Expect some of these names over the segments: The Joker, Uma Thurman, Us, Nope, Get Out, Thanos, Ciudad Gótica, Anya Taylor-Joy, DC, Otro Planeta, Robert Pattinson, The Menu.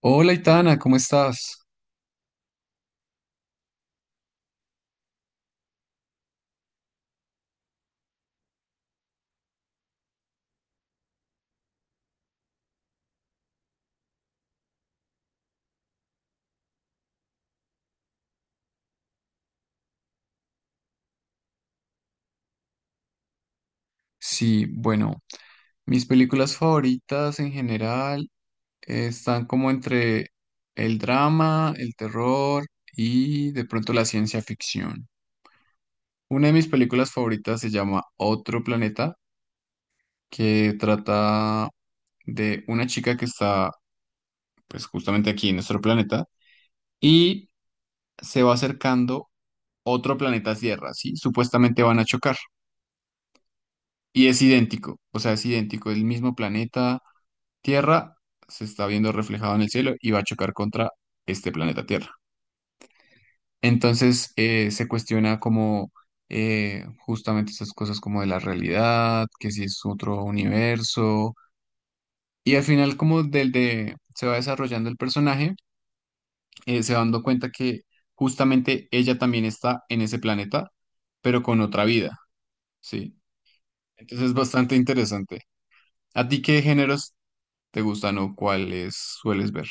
Hola, Itana, ¿cómo estás? Sí, bueno, mis películas favoritas en general están como entre el drama, el terror y de pronto la ciencia ficción. Una de mis películas favoritas se llama Otro Planeta, que trata de una chica que está pues justamente aquí en nuestro planeta y se va acercando otro planeta Tierra, ¿sí? Supuestamente van a chocar y es idéntico, o sea, es idéntico, es el mismo planeta Tierra se está viendo reflejado en el cielo y va a chocar contra este planeta Tierra. Entonces se cuestiona como justamente esas cosas como de la realidad, que si es otro universo. Y al final como del de se va desarrollando el personaje, se va dando cuenta que justamente ella también está en ese planeta, pero con otra vida, ¿sí? Entonces es bastante interesante. ¿A ti qué géneros te gustan o cuáles sueles ver?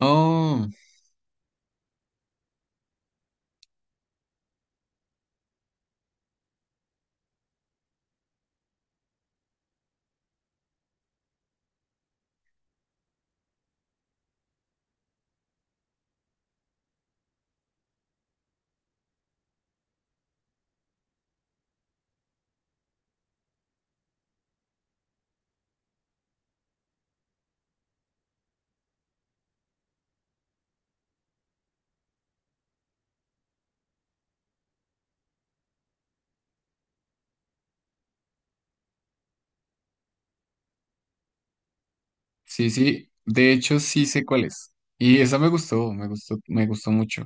Oh. Sí, sí, de hecho sí sé cuál es. Y esa me gustó, me gustó, me gustó mucho.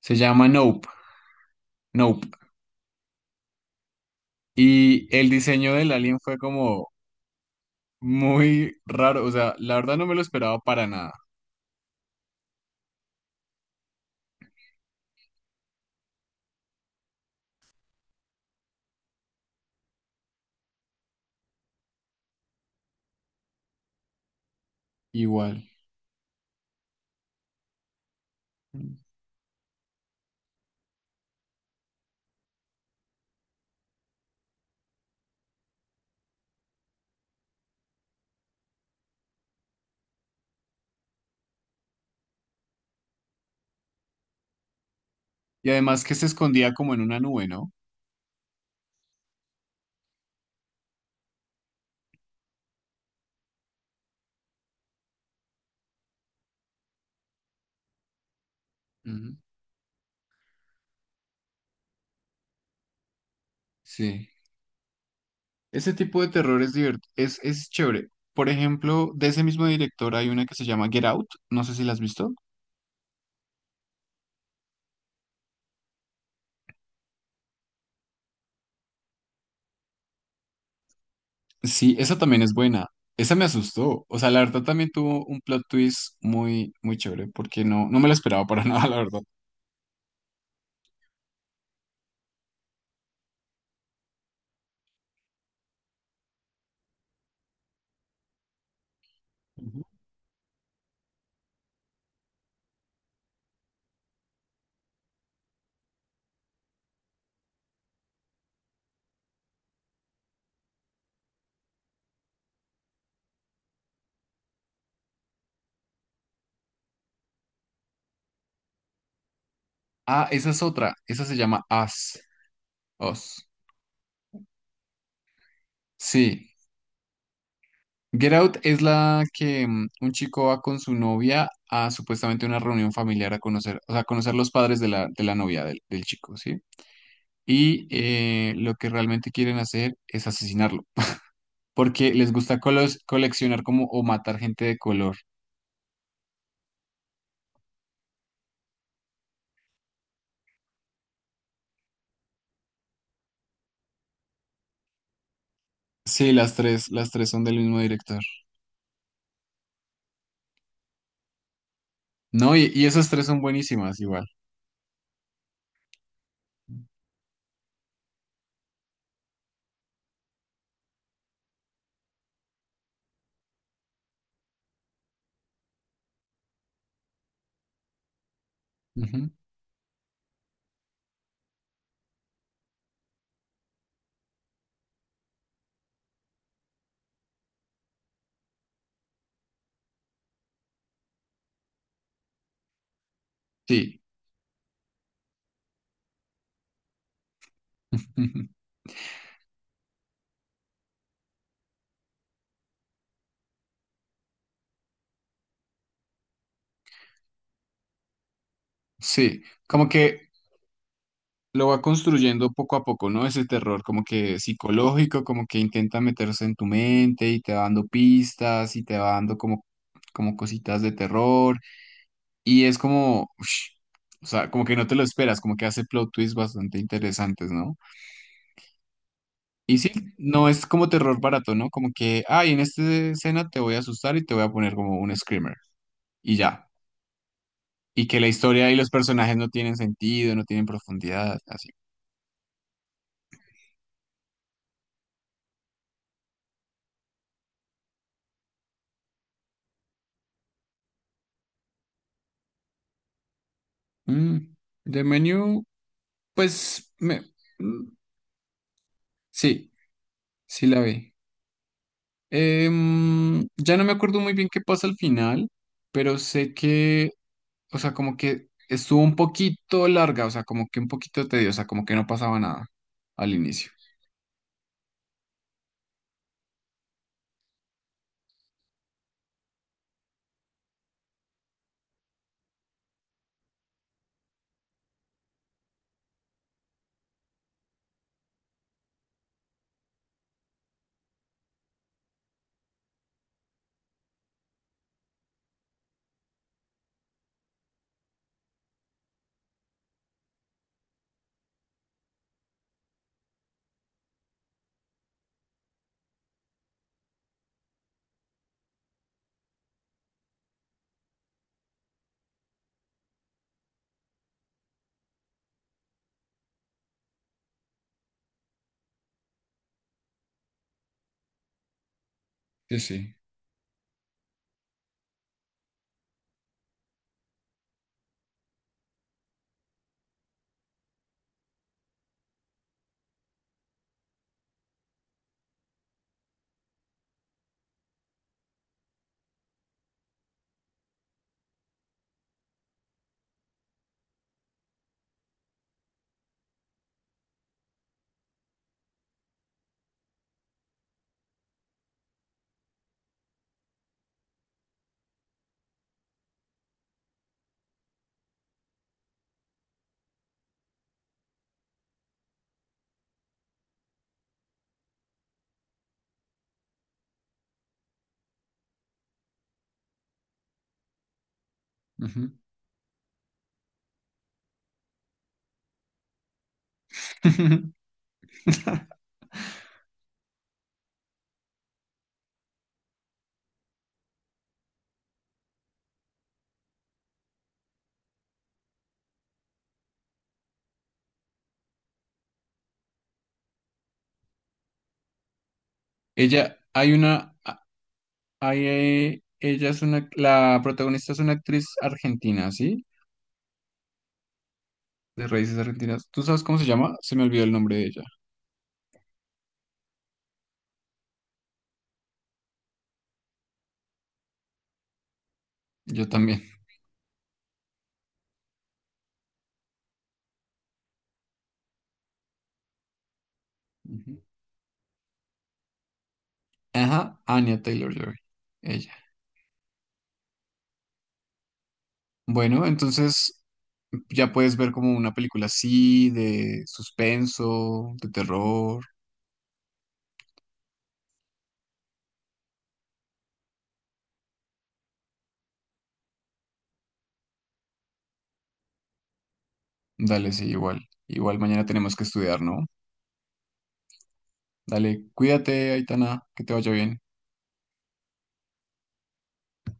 Se llama Nope, Nope. Y el diseño del alien fue como muy raro, o sea, la verdad no me lo esperaba para nada. Igual. Mm. Y además que se escondía como en una nube, ¿no? Ujú. Sí. Ese tipo de terror es es chévere. Por ejemplo, de ese mismo director hay una que se llama Get Out, no sé si la has visto. Sí, esa también es buena. Esa me asustó. O sea, la verdad también tuvo un plot twist muy, muy chévere, porque no, no me lo esperaba para nada, la verdad. Ujú. Ah, esa es otra. Esa se llama Us. Us. Sí. Get Out es la que mm, un chico va con su novia a supuestamente una reunión familiar a conocer, o sea, a conocer los padres de la novia del chico, ¿sí? Y lo que realmente quieren hacer es asesinarlo, porque les gusta coleccionar como o matar gente de color. Sí, las tres son del mismo director. No, y esas tres son buenísimas igual. Ujú. Sí, sí, como que lo va construyendo poco a poco, ¿no? Ese terror como que psicológico, como que intenta meterse en tu mente y te va dando pistas y te va dando como, como cositas de terror y es como, ush, o sea, como que no te lo esperas, como que hace plot twists bastante interesantes, ¿no? Y sí, no es como terror barato, ¿no? Como que, ay, en esta escena te voy a asustar y te voy a poner como un screamer. Y ya. Y que la historia y los personajes no tienen sentido, no tienen profundidad, así. Mm, The Menu, pues, me, mm, sí, sí la vi. Ya no me acuerdo muy bien qué pasa al final, pero sé que, o sea, como que estuvo un poquito larga, o sea, como que un poquito tediosa, como que no pasaba nada al inicio. Sí, sí. Ujú. Ella, hay una, hay, ella es una, la protagonista es una actriz argentina, ¿sí? De raíces argentinas. ¿Tú sabes cómo se llama? Se me olvidó el nombre de ella. Yo también. Ujú. Ajá, Anya Taylor-Joy. Ella. Bueno, entonces ya puedes ver como una película así, de suspenso, de terror. Dale, sí, igual. Igual mañana tenemos que estudiar, ¿no? Dale, cuídate, Aitana, que te vaya bien.